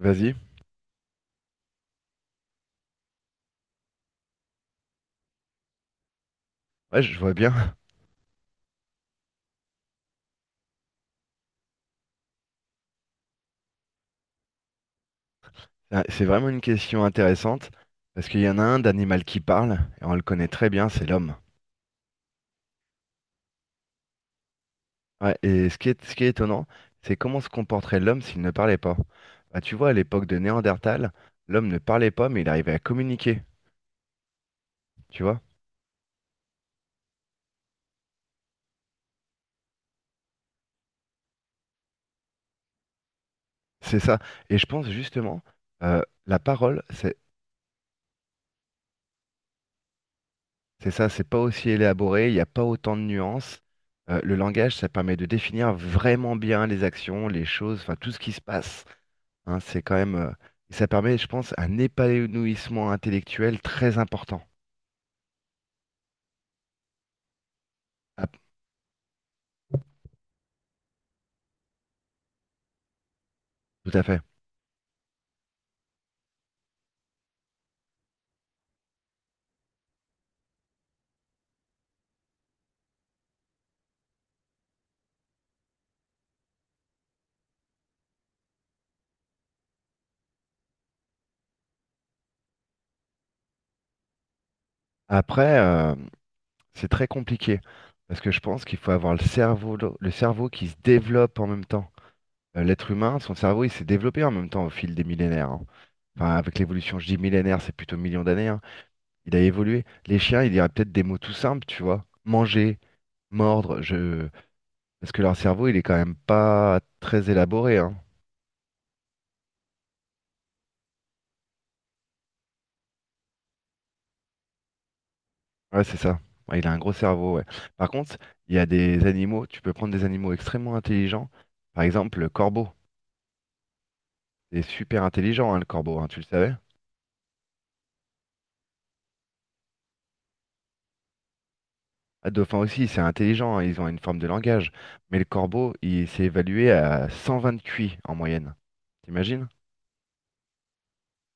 Vas-y. Ouais, je vois bien. Ah, c'est vraiment une question intéressante parce qu'il y en a un d'animal qui parle et on le connaît très bien, c'est l'homme. Ouais, et ce qui est étonnant, c'est comment se comporterait l'homme s'il ne parlait pas. Bah, tu vois, à l'époque de Néandertal, l'homme ne parlait pas mais il arrivait à communiquer, tu vois. C'est ça. Et je pense justement, la parole, c'est ça, c'est pas aussi élaboré, il n'y a pas autant de nuances. Le langage, ça permet de définir vraiment bien les actions, les choses, enfin tout ce qui se passe, hein. C'est quand même, et ça permet, je pense, un épanouissement intellectuel très important. Ah, tout à fait. Après, c'est très compliqué parce que je pense qu'il faut avoir le cerveau qui se développe en même temps. L'être humain, son cerveau, il s'est développé en même temps au fil des millénaires, hein. Enfin, avec l'évolution, je dis millénaire, c'est plutôt millions d'années, hein. Il a évolué. Les chiens, il y aurait peut-être des mots tout simples, tu vois. Manger, mordre, je... parce que leur cerveau, il est quand même pas très élaboré, hein. Ouais, c'est ça. Ouais, il a un gros cerveau, ouais. Par contre, il y a des animaux, tu peux prendre des animaux extrêmement intelligents. Par exemple, le corbeau. C'est super intelligent, hein, le corbeau, hein, tu le savais? Ah, le dauphin aussi, c'est intelligent, hein, ils ont une forme de langage. Mais le corbeau, il s'est évalué à 120 QI en moyenne. T'imagines?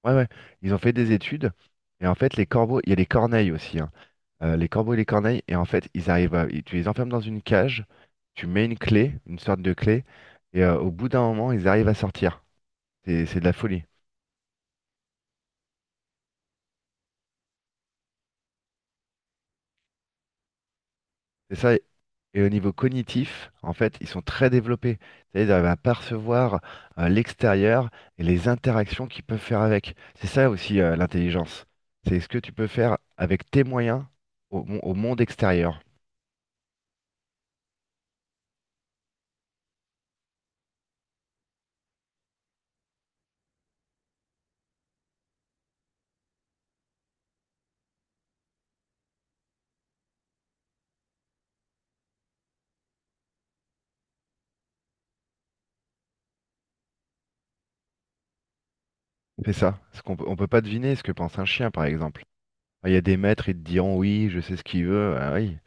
Ouais, ouais. Ils ont fait des études. Et en fait, les corbeaux, il y a les corneilles aussi, hein. Les corbeaux et les corneilles, et en fait, ils arrivent à... Tu les enfermes dans une cage, tu mets une clé, une sorte de clé, et au bout d'un moment, ils arrivent à sortir. C'est de la folie. C'est ça. Et au niveau cognitif, en fait, ils sont très développés. C'est-à-dire, ils arrivent à percevoir l'extérieur et les interactions qu'ils peuvent faire avec. C'est ça aussi l'intelligence. C'est ce que tu peux faire avec tes moyens au monde extérieur. C'est ça. On peut pas deviner ce que pense un chien, par exemple. Il y a des maîtres, ils te diront oui, je sais ce qu'il veut. Ah oui.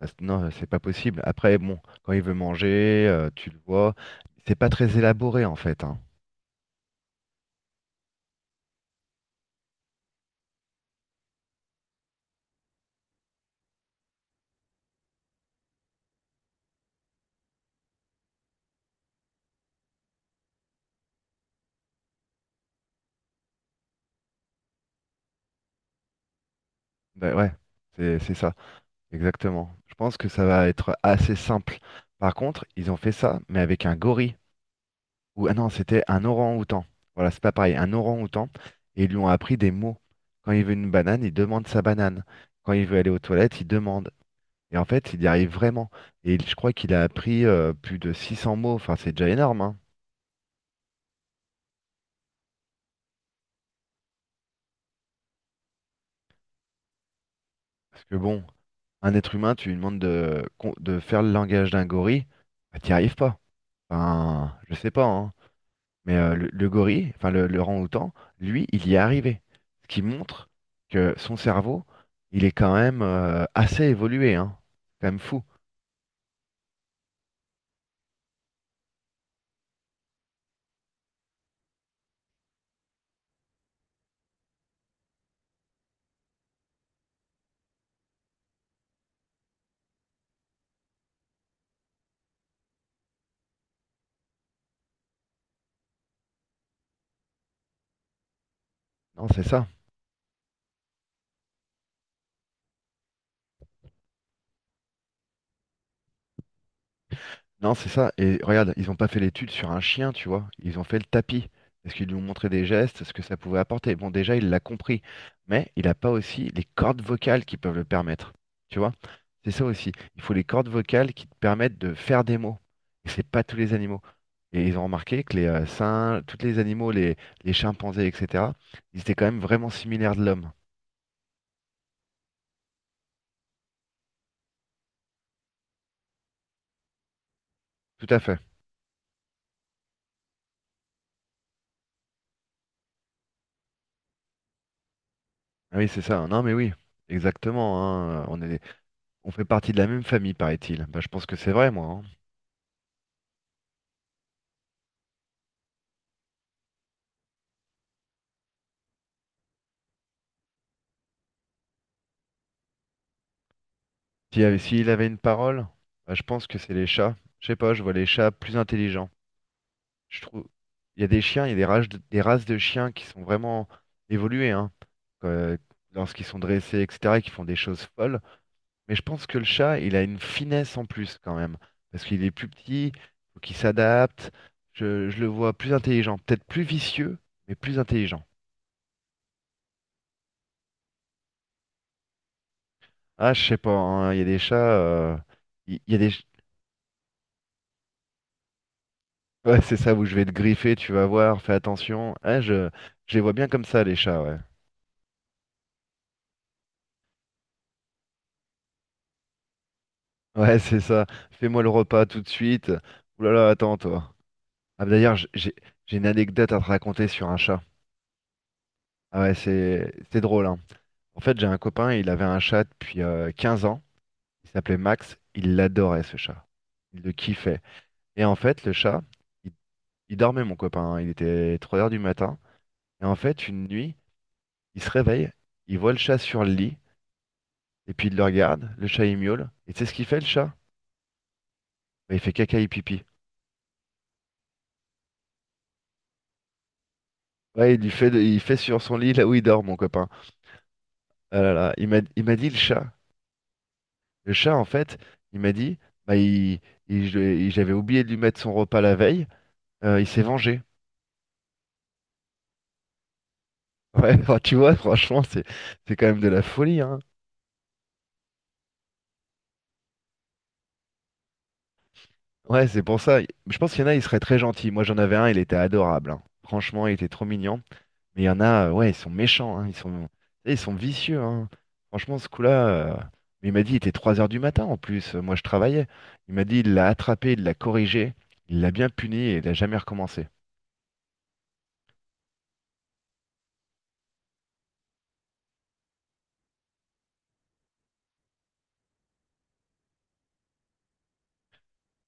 Ah, non, c'est pas possible. Après, bon, quand il veut manger, tu le vois. C'est pas très élaboré, en fait, hein. Ben ouais, c'est ça. Exactement. Je pense que ça va être assez simple. Par contre, ils ont fait ça, mais avec un gorille. Ou ah non, c'était un orang-outan. Voilà, c'est pas pareil, un orang-outan. Et ils lui ont appris des mots. Quand il veut une banane, il demande sa banane. Quand il veut aller aux toilettes, il demande. Et en fait, il y arrive vraiment. Je crois qu'il a appris plus de 600 mots. Enfin, c'est déjà énorme, hein. Parce que bon, un être humain, tu lui demandes de faire le langage d'un gorille, bah, t'y arrives pas. Enfin, je sais pas, hein. Mais le gorille, enfin le orang-outan, lui, il y est arrivé. Ce qui montre que son cerveau, il est quand même assez évolué, hein. C'est quand même fou. Non, c'est ça. Non, c'est ça. Et regarde, ils n'ont pas fait l'étude sur un chien, tu vois. Ils ont fait le tapis. Parce qu'ils lui ont montré des gestes, ce que ça pouvait apporter. Bon, déjà, il l'a compris. Mais il n'a pas aussi les cordes vocales qui peuvent le permettre. Tu vois? C'est ça aussi. Il faut les cordes vocales qui te permettent de faire des mots. Et c'est pas tous les animaux. Et ils ont remarqué que les singes, tous les animaux, les chimpanzés, etc., ils étaient quand même vraiment similaires de l'homme. Tout à fait. Ah oui, c'est ça. Non, mais oui, exactement, hein. On est, on fait partie de la même famille, paraît-il. Bah, je pense que c'est vrai, moi, hein. S'il avait une parole, bah, je pense que c'est les chats. Je sais pas, je vois les chats plus intelligents. Je trouve, il y a des chiens, il y a des races de chiens qui sont vraiment évoluées, hein, euh, lorsqu'ils sont dressés, etc., et qui font des choses folles. Mais je pense que le chat, il a une finesse en plus quand même, parce qu'il est plus petit, faut qu'il s'adapte. Je le vois plus intelligent, peut-être plus vicieux, mais plus intelligent. Ah, je sais pas, hein, il y a des chats, il y a des... Ouais, c'est ça où je vais te griffer, tu vas voir, fais attention. Ouais, je les vois bien comme ça, les chats, ouais. Ouais, c'est ça. Fais-moi le repas tout de suite. Ouh là là, attends, toi. Ah, bah, d'ailleurs, j'ai une anecdote à te raconter sur un chat. Ah ouais, c'est drôle, hein. En fait, j'ai un copain, il avait un chat depuis 15 ans. Il s'appelait Max. Il l'adorait, ce chat. Il le kiffait. Et en fait, le chat, il, il dormait, mon copain, hein. Il était 3 heures du matin. Et en fait, une nuit, il se réveille, il voit le chat sur le lit. Et puis il le regarde, le chat il miaule. Et tu sais ce qu'il fait le chat? Bah, il fait caca et pipi. Ouais, il fait sur son lit là où il dort, mon copain. Ah là là, il m'a dit le chat. Le chat, en fait, il m'a dit, bah, j'avais oublié de lui mettre son repas la veille. Il s'est vengé. Ouais, enfin, tu vois, franchement, c'est quand même de la folie, hein. Ouais, c'est pour ça. Je pense qu'il y en a, il serait très gentil. Moi, j'en avais un, il était adorable, hein. Franchement, il était trop mignon. Mais il y en a, ouais, ils sont méchants, hein, ils sont vicieux, hein. Franchement, ce coup-là, mais il m'a dit, il était 3 heures du matin en plus, moi je travaillais. Il m'a dit, il l'a attrapé, il l'a corrigé, il l'a bien puni et il n'a jamais recommencé.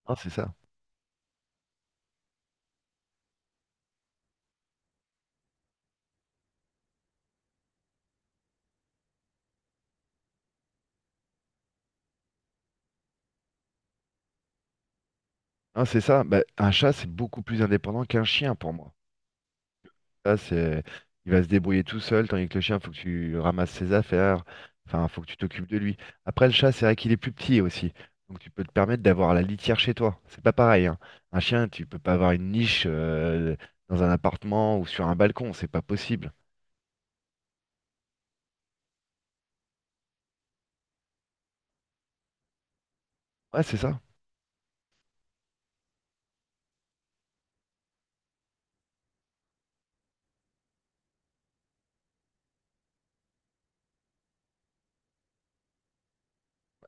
Hein, c'est ça. Hein, c'est ça. Bah, un chat, c'est beaucoup plus indépendant qu'un chien pour moi. Ça, c'est... Il va se débrouiller tout seul, tandis que le chien, faut que tu ramasses ses affaires. Enfin, faut que tu t'occupes de lui. Après, le chat, c'est vrai qu'il est plus petit aussi. Donc, tu peux te permettre d'avoir la litière chez toi. C'est pas pareil, hein. Un chien, tu peux pas avoir une niche dans un appartement ou sur un balcon. C'est pas possible. Ouais, c'est ça.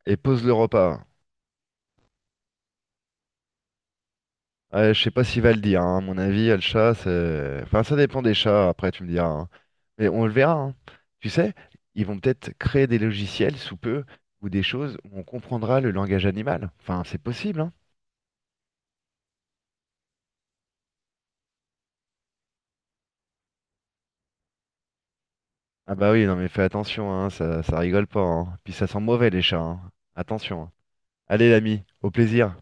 Et pose le repas. Ouais, je sais pas s'il va le dire, hein. À mon avis, le chat, c'est... Enfin, ça dépend des chats, après, tu me diras, hein. Mais on le verra, hein. Tu sais, ils vont peut-être créer des logiciels sous peu, ou des choses où on comprendra le langage animal. Enfin, c'est possible, hein. Ah bah oui, non mais fais attention, hein, ça rigole pas, hein. Puis ça sent mauvais les chats, hein. Attention, hein. Allez l'ami, au plaisir.